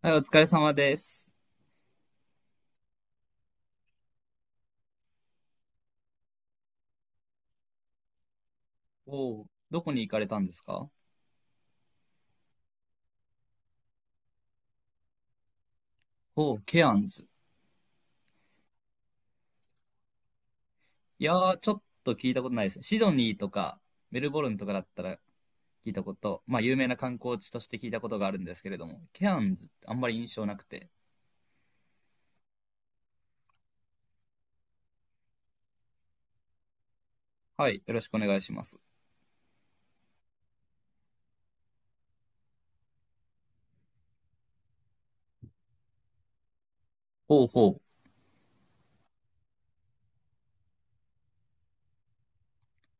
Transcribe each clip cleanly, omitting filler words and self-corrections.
はい、お疲れ様です。おお、どこに行かれたんですか？おお、ケアンズ。いやー、ちょっと聞いたことないですね。シドニーとかメルボルンとかだったら聞いたこと、まあ有名な観光地として聞いたことがあるんですけれども、ケアンズってあんまり印象なくて。はい、よろしくお願いします。ほうほう。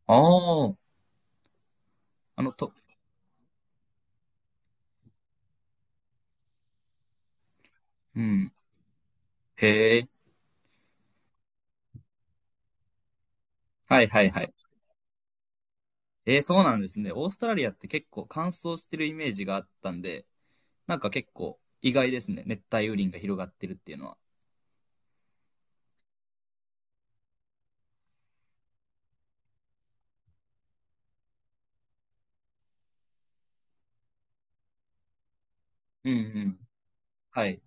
ああ、あのと、うん。へえ。はいはいはい。そうなんですね。オーストラリアって結構乾燥してるイメージがあったんで、なんか結構意外ですね。熱帯雨林が広がってるっていうのは。うんうん。はい。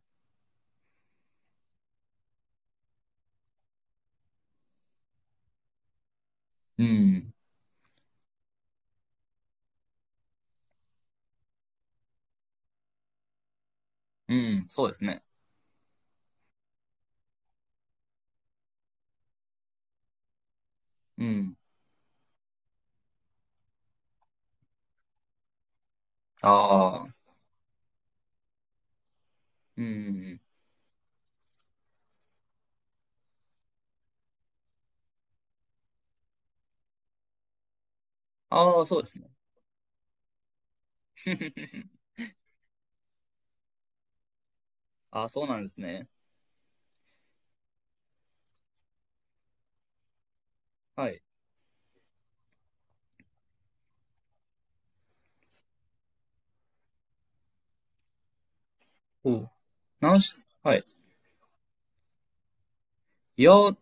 うん。うん。そうですね。うん。ああ。うん。ああ、そうですね。ああ、そうなんですね。はい。おう。なんし、はい。いやー、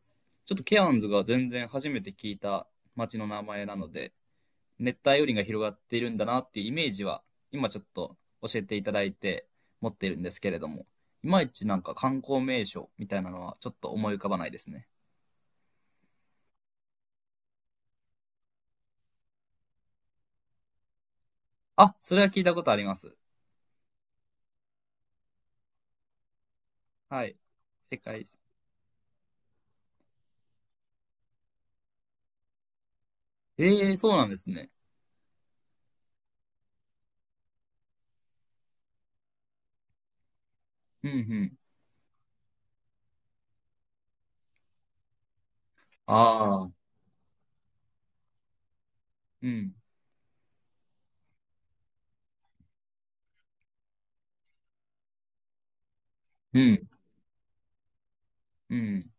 ちょっとケアンズが全然初めて聞いた町の名前なので、熱帯雨林が広がっているんだなっていうイメージは、今ちょっと教えていただいて持っているんですけれども、いまいちなんか観光名所みたいなのはちょっと思い浮かばないですね。あ、それは聞いたことあります。はい。世界遺産。ええー、そうなんですね。うんうん。ああ。うん、うん、うん。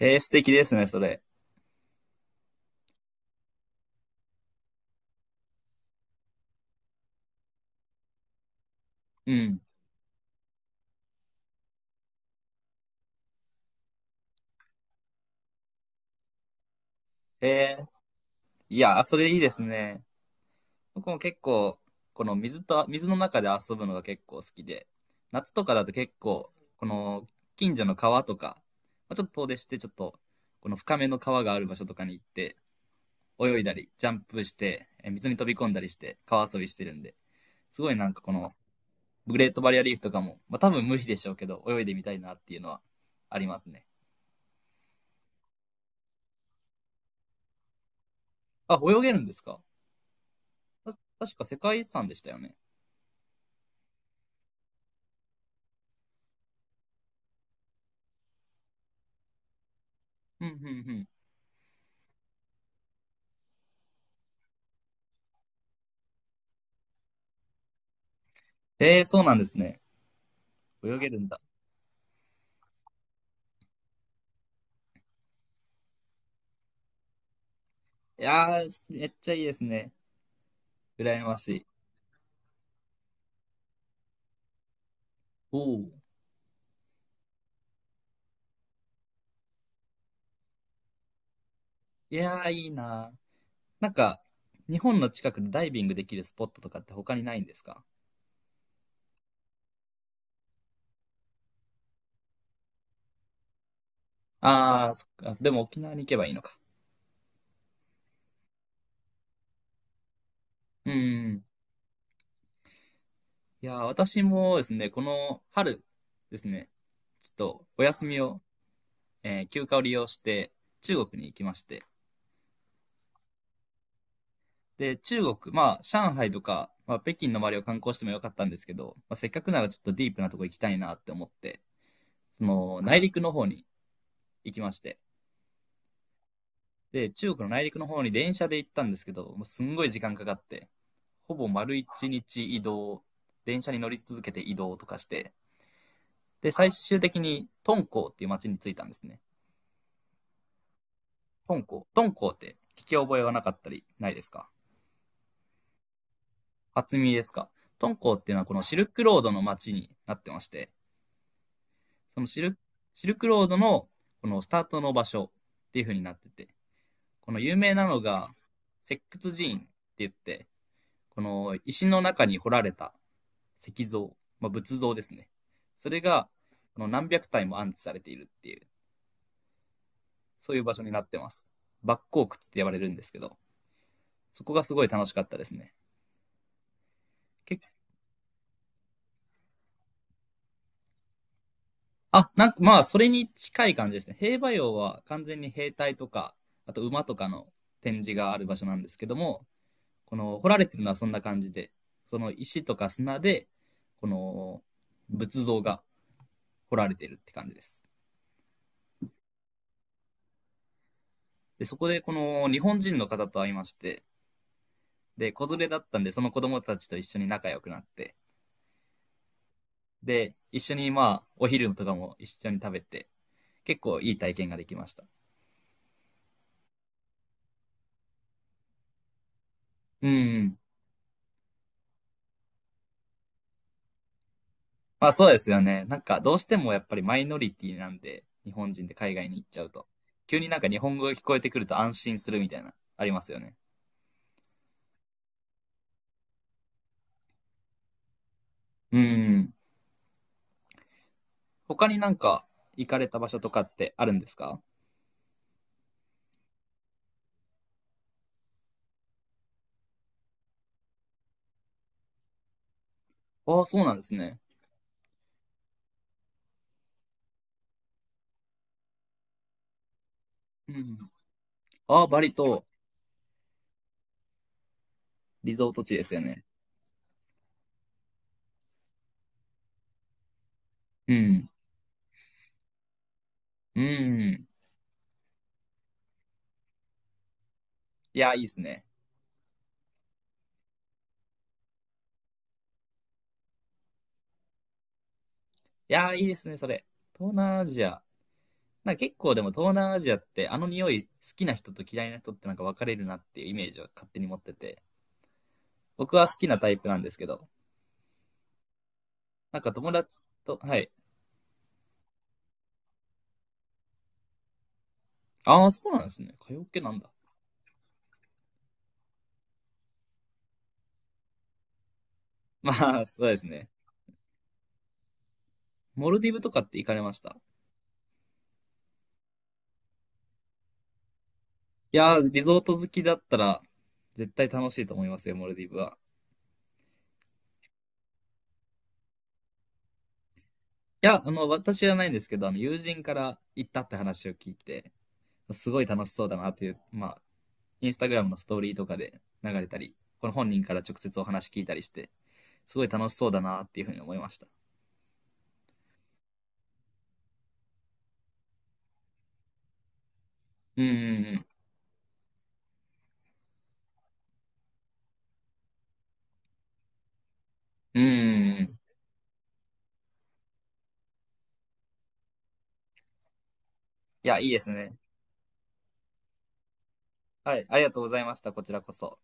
へえ、素敵ですね、それ。うん。へえ、いや、それいいですね。僕も結構、この水と、水の中で遊ぶのが結構好きで、夏とかだと結構、この近所の川とか、まあ、ちょっと遠出して、ちょっと、この深めの川がある場所とかに行って、泳いだり、ジャンプして、水に飛び込んだりして、川遊びしてるんで、すごいなんかこの、グレートバリアリーフとかも、まあ多分無理でしょうけど、泳いでみたいなっていうのはありますね。あ、泳げるんですか？た確か世界遺産でしたよね。うん、うん、うん。そうなんですね。泳げるんだ。いやー、めっちゃいいですね。羨ましい。おお。いやー、いいなー。なんか、日本の近くでダイビングできるスポットとかって他にないんですか？ああー、そっか。でも沖縄に行けばいいのか。うん。いやー、私もですね、この春ですね、ちょっとお休みを、休暇を利用して中国に行きまして、で、中国、まあ、上海とか、まあ、北京の周りを観光してもよかったんですけど、まあ、せっかくならちょっとディープなとこ行きたいなって思って、その、内陸の方に行きまして、で、中国の内陸の方に電車で行ったんですけど、もうすんごい時間かかって、ほぼ丸一日移動、電車に乗り続けて移動とかして、で、最終的に敦煌っていう街に着いたんですね。敦煌。敦煌って聞き覚えはなかったりないですか？初耳ですか？敦煌っていうのはこのシルクロードの街になってまして、そのシルクロードのこのスタートの場所っていう風になってて、この有名なのが石窟寺院って言って、この石の中に掘られた石像、まあ、仏像ですね。それがこの何百体も安置されているっていう、そういう場所になってます。バッコークって呼ばれるんですけど、そこがすごい楽しかったですね。けあ、なんかまあそれに近い感じですね。兵馬俑は完全に兵隊とか、あと馬とかの展示がある場所なんですけども、この掘られてるのはそんな感じで、その石とか砂で、この仏像が掘られてるって感じです。で、そこでこの日本人の方と会いまして、で、子連れだったんで、その子供たちと一緒に仲良くなって、で、一緒にまあ、お昼とかも一緒に食べて、結構いい体験ができました。うん。まあそうですよね。なんかどうしてもやっぱりマイノリティなんで、日本人で海外に行っちゃうと。急になんか日本語が聞こえてくると安心するみたいな、ありますよね。うん。他になんか行かれた場所とかってあるんですか？ああ、そうなんですね。うん。ああ、バリ島、リゾート地ですよね。うん。うん。いや、いいですね。いや、いいですね、それ。東南アジア。なんか結構でも東南アジアってあの匂い好きな人と嫌いな人ってなんか分かれるなっていうイメージを勝手に持ってて。僕は好きなタイプなんですけど。なんか友達と、はい。ああ、そうなんですね。カラオケなんだ。まあ、そうですね。モルディブとかって行かれました？いやー、リゾート好きだったら、絶対楽しいと思いますよ、モルディブは。いや、あの、私じゃないんですけど、あの、友人から行ったって話を聞いて、すごい楽しそうだなっていう、まあ、インスタグラムのストーリーとかで流れたり、この本人から直接お話聞いたりして、すごい楽しそうだなっていうふうに思いました。うんうんうん。うんうんうん。いや、いいですね。はい、ありがとうございました。こちらこそ。